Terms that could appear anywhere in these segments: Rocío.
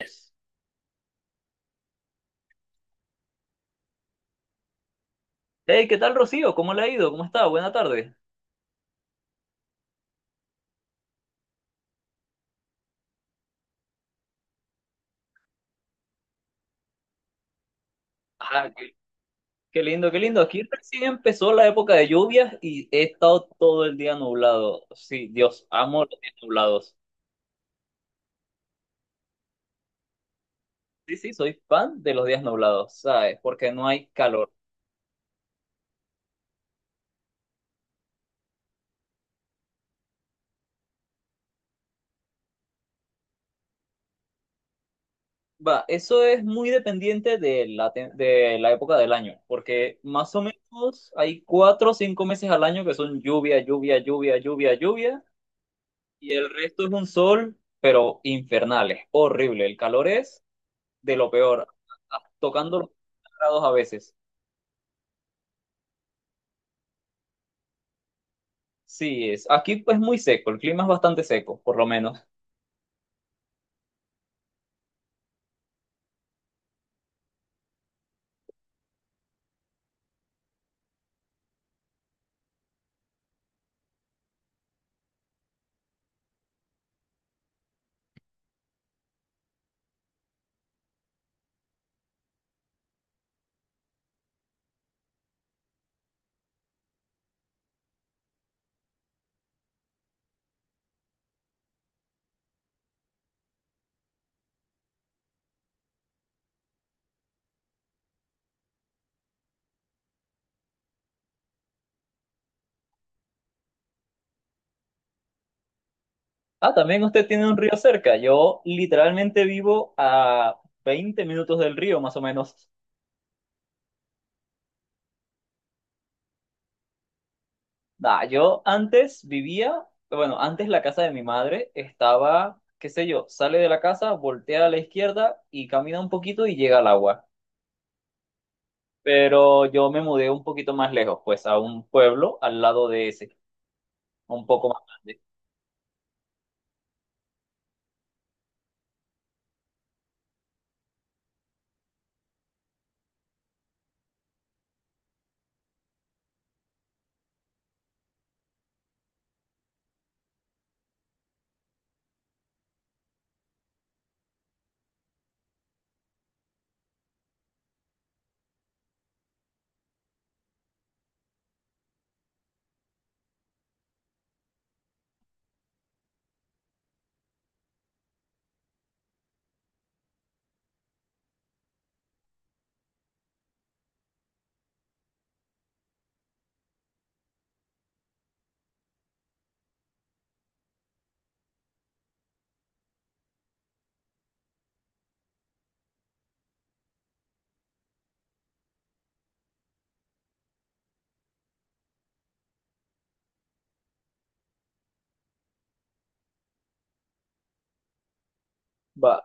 Yes. Hey, ¿qué tal, Rocío? ¿Cómo le ha ido? ¿Cómo está? Buena tarde. Ah, qué, Qué lindo, qué lindo. Aquí recién empezó la época de lluvias y he estado todo el día nublado. Sí, Dios, amo los días nublados. Sí, sí, soy fan de los días nublados, ¿sabes? Porque no hay calor. Va, eso es muy dependiente de la época del año, porque más o menos hay 4 o 5 meses al año que son lluvia, lluvia, lluvia, lluvia, lluvia, y el resto es un sol, pero infernal, es horrible. El calor es de lo peor, tocando los grados a veces. Sí, es. Aquí es muy seco, el clima es bastante seco, por lo menos. Ah, también usted tiene un río cerca. Yo literalmente vivo a 20 minutos del río, más o menos. Nah, yo antes vivía, bueno, antes la casa de mi madre estaba, qué sé yo, sale de la casa, voltea a la izquierda y camina un poquito y llega al agua. Pero yo me mudé un poquito más lejos, pues a un pueblo al lado de ese, un poco más grande. Va,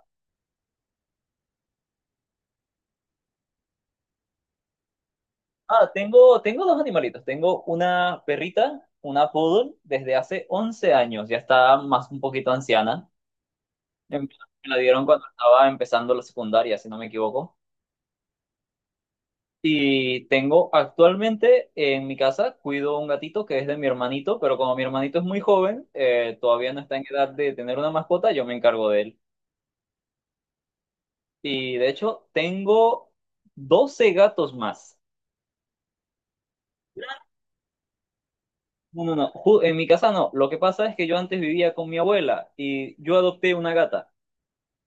ah, tengo dos animalitos. Tengo una perrita, una poodle, desde hace 11 años. Ya está más un poquito anciana. Em- Me la dieron cuando estaba empezando la secundaria, si no me equivoco. Y tengo actualmente en mi casa, cuido un gatito que es de mi hermanito, pero como mi hermanito es muy joven, todavía no está en edad de tener una mascota, yo me encargo de él. Y de hecho, tengo 12 gatos más. No, no, no. En mi casa no. Lo que pasa es que yo antes vivía con mi abuela y yo adopté una gata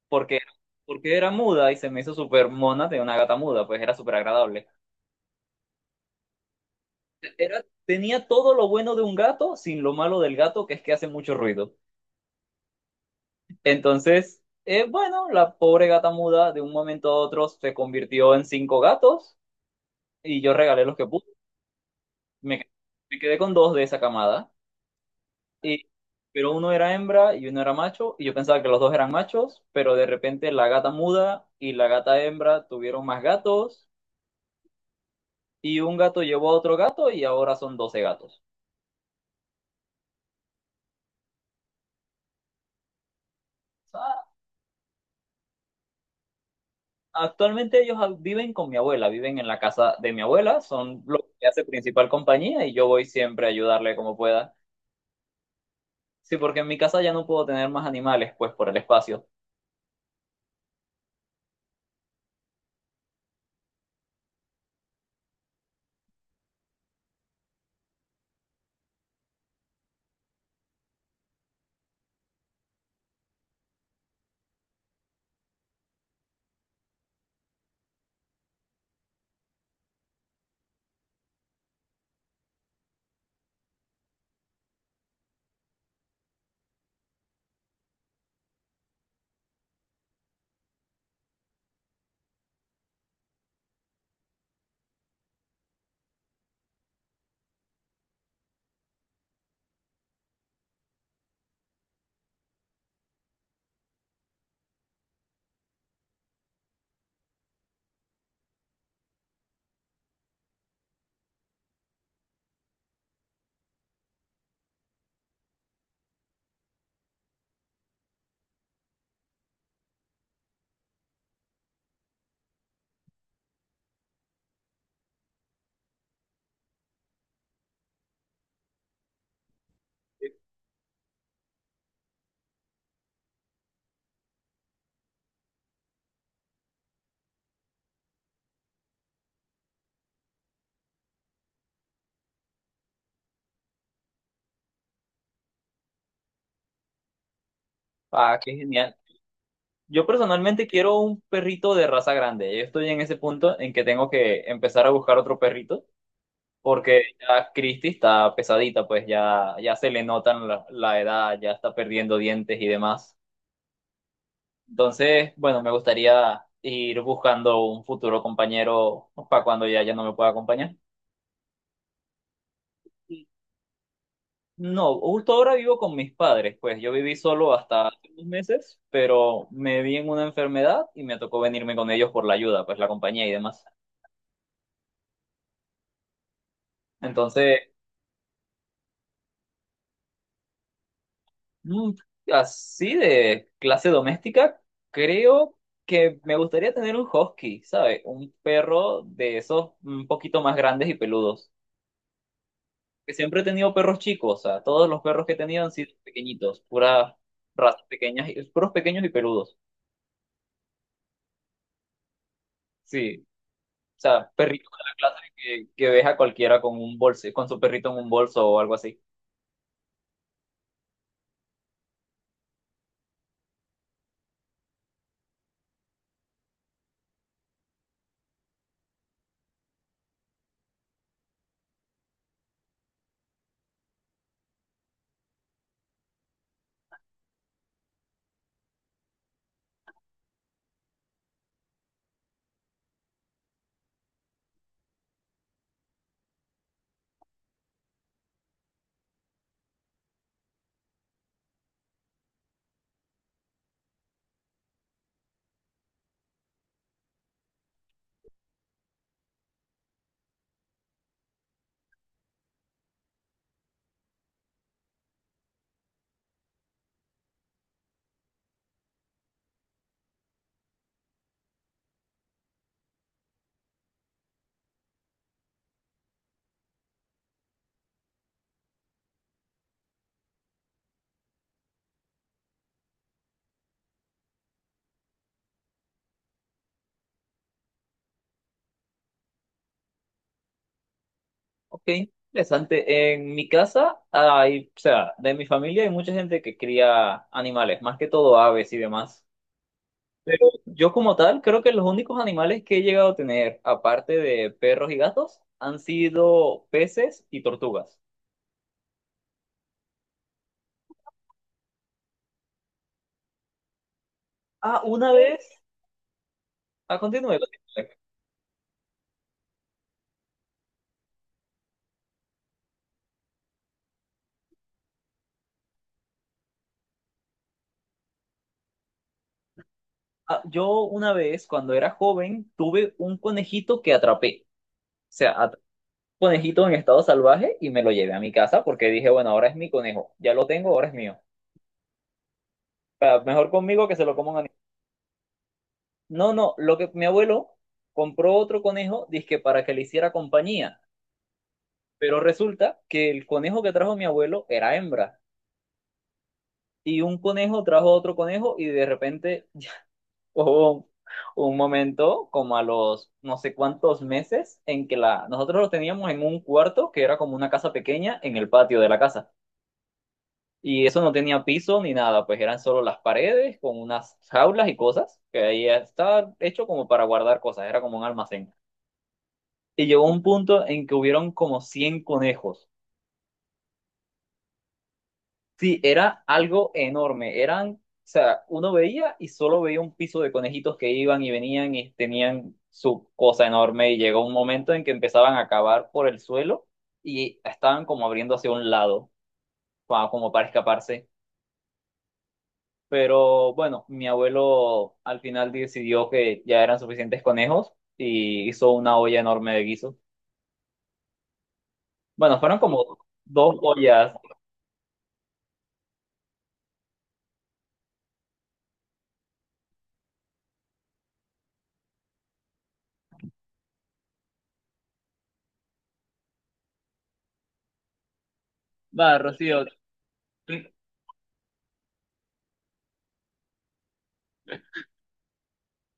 porque, porque era muda y se me hizo súper mona de una gata muda, pues era súper agradable. Era, tenía todo lo bueno de un gato sin lo malo del gato, que es que hace mucho ruido. Entonces, bueno, la pobre gata muda de un momento a otro se convirtió en cinco gatos y yo regalé los que pude. Me, me quedé con dos de esa camada. Y, pero uno era hembra y uno era macho, y yo pensaba que los dos eran machos, pero de repente la gata muda y la gata hembra tuvieron más gatos, y un gato llevó a otro gato y ahora son 12 gatos. O sea, actualmente ellos viven con mi abuela, viven en la casa de mi abuela, son lo que hace principal compañía y yo voy siempre a ayudarle como pueda. Sí, porque en mi casa ya no puedo tener más animales, pues por el espacio. Ah, qué genial. Yo personalmente quiero un perrito de raza grande. Yo estoy en ese punto en que tengo que empezar a buscar otro perrito porque ya Christie está pesadita, pues ya, ya se le notan la, la edad, ya está perdiendo dientes y demás. Entonces, bueno, me gustaría ir buscando un futuro compañero para cuando ya, ya no me pueda acompañar. No, justo ahora vivo con mis padres, pues yo viví solo hasta hace unos meses, pero me vi en una enfermedad y me tocó venirme con ellos por la ayuda, pues la compañía y demás. Entonces. Mm, Así de clase doméstica, creo que me gustaría tener un husky, ¿sabes? Un perro de esos un poquito más grandes y peludos. Que siempre he tenido perros chicos, o sea, todos los perros que he tenido han sido pequeñitos, puras razas pequeñas, y- puros pequeños y peludos. Sí, o sea, perritos de la clase que ves a cualquiera con un bolso, con su perrito en un bolso o algo así. Ok, interesante. En mi casa hay, o sea, de mi familia hay mucha gente que cría animales, más que todo aves y demás. Pero yo como tal, creo que los únicos animales que he llegado a tener, aparte de perros y gatos, han sido peces y tortugas. Ah, una vez, Ah, a Ah, yo una vez, cuando era joven, tuve un conejito que atrapé. O sea, conejito en estado salvaje y me lo llevé a mi casa porque dije, bueno, ahora es mi conejo, ya lo tengo, ahora es mío. Sea, mejor conmigo que se lo coma un animal. No, no, lo que mi abuelo compró otro conejo, dizque para que le hiciera compañía, pero resulta que el conejo que trajo mi abuelo era hembra y un conejo trajo otro conejo y de repente llegó un momento como a los no sé cuántos meses en que la nosotros lo teníamos en un cuarto que era como una casa pequeña en el patio de la casa. Y eso no tenía piso ni nada, pues eran solo las paredes con unas jaulas y cosas, que ahí estaba hecho como para guardar cosas, era como un almacén. Y llegó un punto en que hubieron como 100 conejos. Sí, era algo enorme, eran, o sea, uno veía y solo veía un piso de conejitos que iban y venían y tenían su cosa enorme y llegó un momento en que empezaban a cavar por el suelo y estaban como abriendo hacia un lado, como para escaparse. Pero bueno, mi abuelo al final decidió que ya eran suficientes conejos y hizo una olla enorme de guiso. Bueno, fueron como dos ollas. Va, Rocío,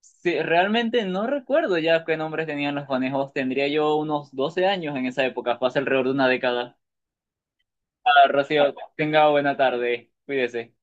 sí, realmente no recuerdo ya qué nombres tenían los conejos. Tendría yo unos 12 años en esa época, fue hace alrededor de una década. Va, Rocío, tenga buena tarde. Cuídese.